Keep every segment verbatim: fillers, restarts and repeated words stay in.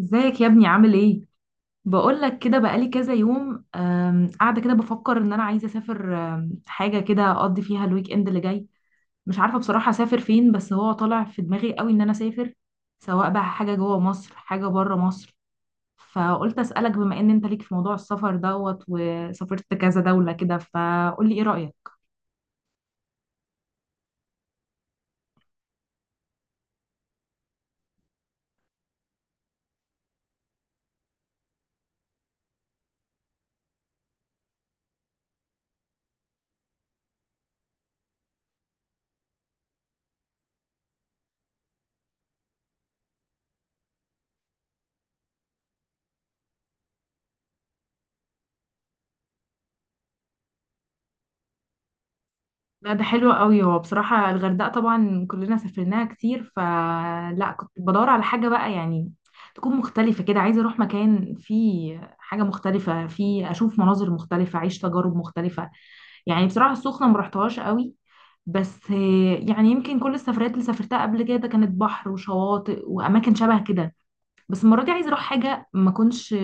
ازيك يا ابني؟ عامل ايه؟ بقول لك كده، بقالي كذا يوم أم، قاعده كده بفكر ان انا عايزه اسافر، أم، حاجه كده اقضي فيها الويك اند اللي جاي. مش عارفه بصراحه اسافر فين، بس هو طالع في دماغي قوي ان انا اسافر، سواء بقى حاجه جوه مصر حاجه بره مصر. فقلت اسالك، بما ان انت ليك في موضوع السفر دوت وسافرت كذا دوله كده، فقول لي ايه رايك. لا، ده حلو قوي. هو بصراحة الغردقة طبعا كلنا سافرناها كتير، فلا، كنت بدور على حاجة بقى يعني تكون مختلفة كده. عايزة اروح مكان فيه حاجة مختلفة، فيه اشوف مناظر مختلفة، اعيش تجارب مختلفة. يعني بصراحة السخنة مرحتهاش قوي. بس يعني يمكن كل السفرات اللي سافرتها قبل كده كانت بحر وشواطئ واماكن شبه كده. بس المرة دي عايزة اروح حاجة ما كنتش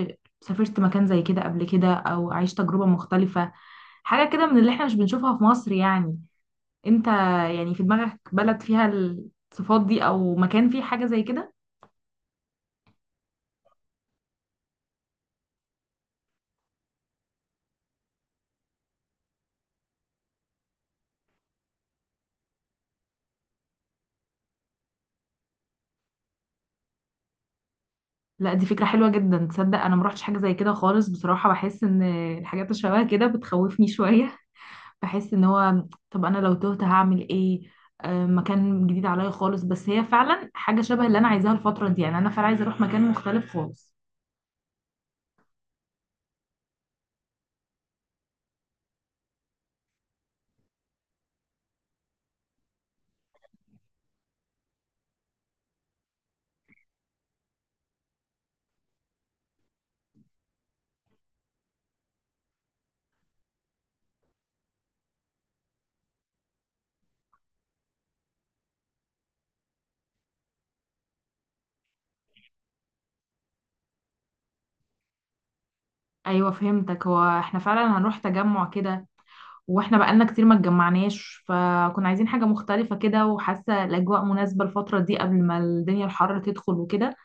سافرت مكان زي كده قبل كده، او اعيش تجربة مختلفة، حاجة كده من اللي احنا مش بنشوفها في مصر يعني. انت يعني في دماغك بلد فيها الصفات دي، او مكان فيه حاجة زي كده؟ لا، دي فكرة حلوة جدا. تصدق انا مروحتش حاجة زي كده خالص. بصراحة بحس ان الحاجات اللي شبه كده بتخوفني شوية. بحس ان هو، طب انا لو تهت هعمل ايه؟ آه، مكان جديد عليا خالص، بس هي فعلا حاجة شبه اللي انا عايزاها الفترة دي. يعني انا فعلا عايزة اروح مكان مختلف خالص. ايوه، فهمتك. هو احنا فعلا هنروح تجمع كده، واحنا بقالنا كتير ما اتجمعناش، فكنا عايزين حاجة مختلفة كده، وحاسة الأجواء مناسبة الفترة دي قبل ما الدنيا الحر تدخل وكده.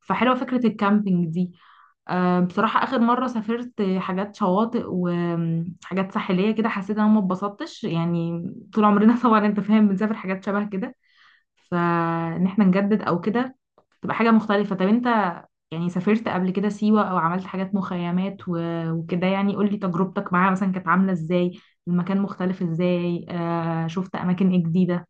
فحلوة فكرة الكامبينج دي. آه، بصراحة آخر مرة سافرت حاجات شواطئ وحاجات ساحلية كده، حسيت إن أنا ما اتبسطتش يعني. طول عمرنا طبعا أنت فاهم بنسافر حاجات شبه كده. فان احنا نجدد او كده، تبقى حاجة مختلفة. طب انت يعني سافرت قبل كده سيوة، او عملت حاجات مخيمات و- وكده؟ يعني قولي تجربتك معاها مثلا كانت عاملة ازاي، المكان مختلف ازاي، آه، شفت اماكن ايه جديدة.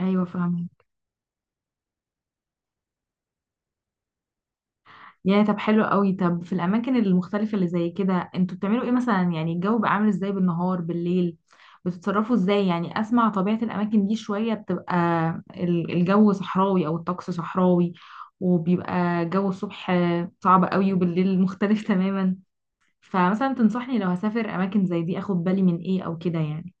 ايوه، فاهمة. يا طب حلو قوي. طب في الاماكن المختلفه اللي زي كده انتوا بتعملوا ايه مثلا؟ يعني الجو بقى عامل ازاي بالنهار بالليل؟ بتتصرفوا ازاي؟ يعني اسمع طبيعه الاماكن دي شويه. بتبقى ال- الجو صحراوي او الطقس صحراوي، وبيبقى جو الصبح صعب قوي، وبالليل مختلف تماما. فمثلا تنصحني لو هسافر اماكن زي دي اخد بالي من ايه او كده يعني؟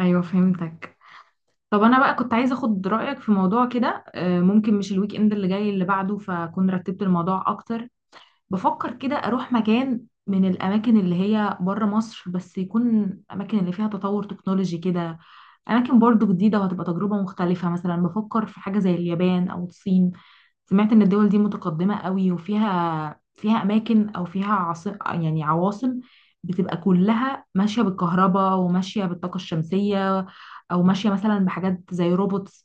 ايوه، فهمتك. طب انا بقى كنت عايزه اخد رايك في موضوع كده. آه، ممكن مش الويك اند اللي جاي، اللي بعده، فاكون رتبت الموضوع اكتر. بفكر كده اروح مكان من الاماكن اللي هي بره مصر، بس يكون اماكن اللي فيها تطور تكنولوجي كده، اماكن برضو جديده وهتبقى تجربه مختلفه. مثلا بفكر في حاجه زي اليابان او الصين. سمعت ان الدول دي متقدمة قوي، وفيها فيها اماكن، او فيها عاص... يعني عواصم بتبقى كلها ماشية بالكهرباء وماشية بالطاقة الشمسية، او ماشية مثلا بحاجات زي روبوتس.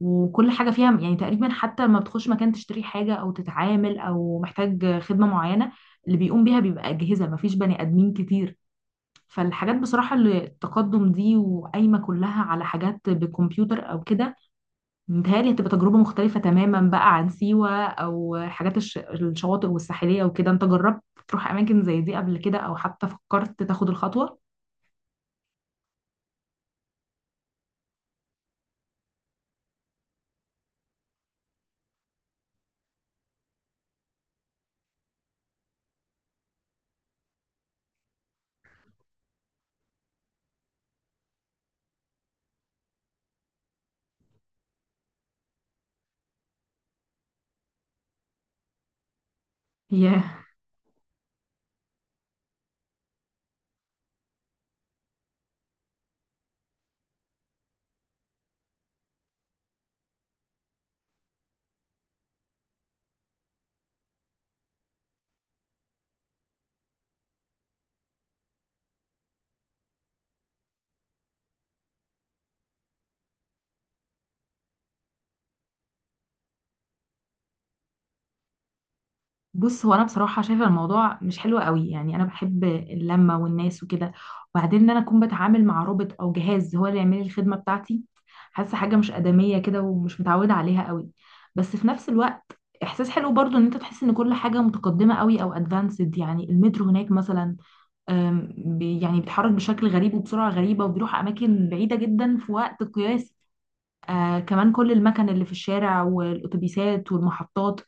وكل حاجة فيها يعني تقريبا، حتى لما بتخش مكان تشتري حاجة او تتعامل او محتاج خدمة معينة، اللي بيقوم بيها بيبقى أجهزة، مفيش بني آدمين كتير. فالحاجات بصراحة اللي التقدم دي وقايمة كلها على حاجات بالكمبيوتر او كده، متهيألي هتبقى تجربة مختلفة تماما بقى عن سيوة، أو حاجات الش... الشواطئ والساحلية وكده. أنت جربت تروح أماكن زي دي قبل كده، أو حتى فكرت تاخد الخطوة؟ ياه. بص، هو أنا بصراحة شايفة الموضوع مش حلو قوي. يعني أنا بحب اللمة والناس وكده. وبعدين إن أنا أكون بتعامل مع روبوت أو جهاز هو اللي يعمل لي الخدمة بتاعتي، حاسة حاجة مش آدمية كده ومش متعودة عليها قوي. بس في نفس الوقت، إحساس حلو برضو إن أنت تحس إن كل حاجة متقدمة قوي أو أدفانسد. يعني المترو هناك مثلا، آم، بي- يعني بيتحرك بشكل غريب وبسرعة غريبة، وبيروح أماكن بعيدة جدا في وقت قياسي. آه، كمان كل المكن اللي في الشارع والأتوبيسات والمحطات،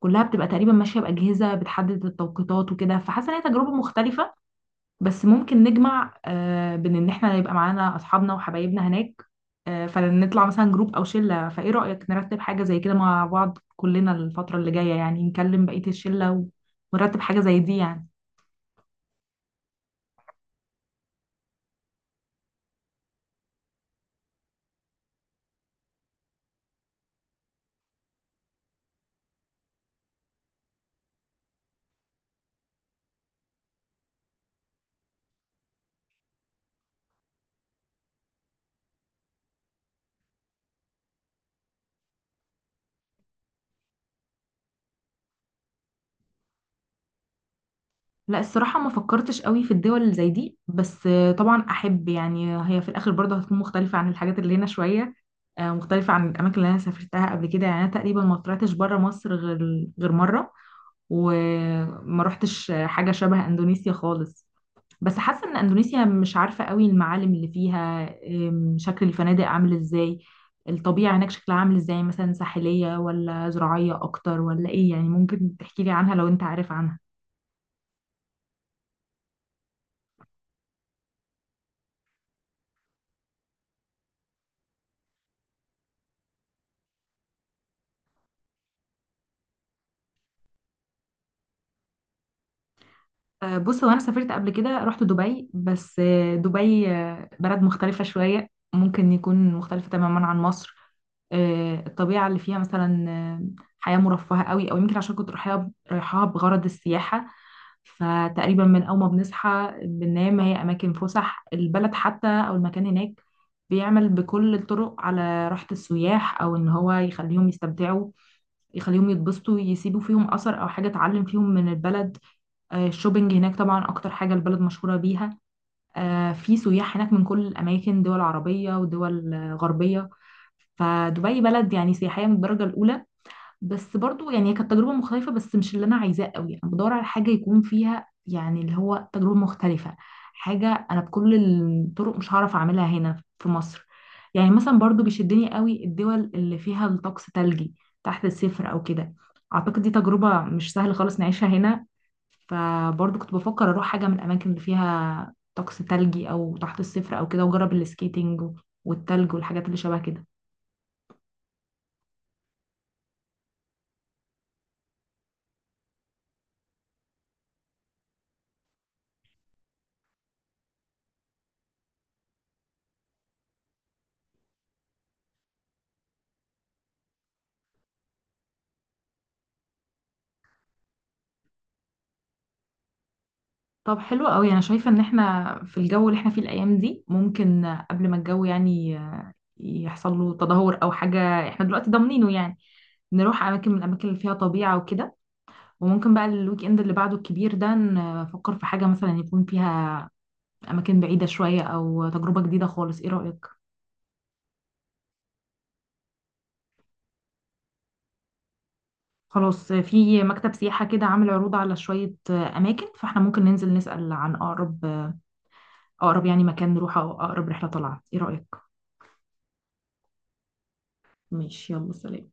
كلها بتبقى تقريبا ماشية بأجهزة بتحدد التوقيتات وكده. فحاسة إن هي تجربة مختلفة. بس ممكن نجمع آه بين إن إحنا يبقى معانا أصحابنا وحبايبنا هناك. آه، فنطلع مثلا جروب أو شلة. فإيه رأيك نرتب حاجة زي كده مع بعض كلنا الفترة اللي جاية؟ يعني نكلم بقية الشلة ونرتب حاجة زي دي يعني. لا، الصراحة ما فكرتش قوي في الدول اللي زي دي، بس آه، طبعا أحب. يعني هي في الآخر برضه هتكون مختلفة عن الحاجات اللي هنا شوية، آه، مختلفة عن الأماكن اللي أنا سافرتها قبل كده. يعني أنا تقريبا ما طلعتش بره مصر غير غير مرة، وما روحتش حاجة شبه أندونيسيا خالص. بس حاسة إن أندونيسيا مش عارفة قوي المعالم اللي فيها. آم، شكل الفنادق عامل إزاي؟ الطبيعة هناك شكلها عامل إزاي؟ مثلا ساحلية ولا زراعية أكتر ولا إيه يعني؟ ممكن تحكي لي عنها لو أنت عارف عنها. آه، بص، هو انا سافرت قبل كده، رحت دبي. بس آه، دبي آه، بلد مختلفة شوية، ممكن يكون مختلفة تماما عن مصر. آه، الطبيعة اللي فيها مثلا آه، حياة مرفهة قوي، او يمكن عشان كنت رايحاها رايحاها بغرض السياحة. فتقريبا من اول ما بنصحى بننام، هي اماكن فسح، البلد حتى او المكان هناك بيعمل بكل الطرق على راحة السياح، او ان هو يخليهم يستمتعوا، يخليهم يتبسطوا، يسيبوا فيهم اثر او حاجة اتعلم فيهم من البلد. آه، الشوبينج هناك طبعا اكتر حاجه البلد مشهوره بيها. آه، في سياح هناك من كل الاماكن، دول عربيه ودول آه، غربيه. فدبي بلد يعني سياحيه من الدرجه الاولى. بس برضو يعني كانت تجربة مختلفة، بس مش اللي أنا عايزاه قوي. أنا بدور على حاجة يكون فيها يعني اللي هو تجربة مختلفة، حاجة أنا بكل الطرق مش هعرف أعملها هنا في مصر. يعني مثلا برضو بيشدني قوي الدول اللي فيها الطقس تلجي، تحت الصفر أو كده. أعتقد دي تجربة مش سهل خالص نعيشها هنا. فبرضو كنت بفكر أروح حاجة من الأماكن اللي فيها طقس تلجي أو تحت الصفر أو كده، وأجرب السكيتنج والتلج والحاجات اللي شبه كده. طب حلو قوي. انا شايفه ان احنا في الجو اللي احنا فيه الايام دي ممكن، قبل ما الجو يعني يحصل له تدهور او حاجه، احنا دلوقتي ضامنينه يعني، نروح اماكن من الاماكن اللي فيها طبيعه وكده. وممكن بقى الويك اند اللي بعده الكبير ده نفكر في حاجه مثلا يكون فيها اماكن بعيده شويه، او تجربه جديده خالص. ايه رايك؟ خلاص، في مكتب سياحه كده عامل عروض على شويه اماكن، فاحنا ممكن ننزل نسال عن اقرب، اقرب يعني مكان نروحه، او اقرب رحله طلعت. ايه رايك؟ ماشي، يلا سلام.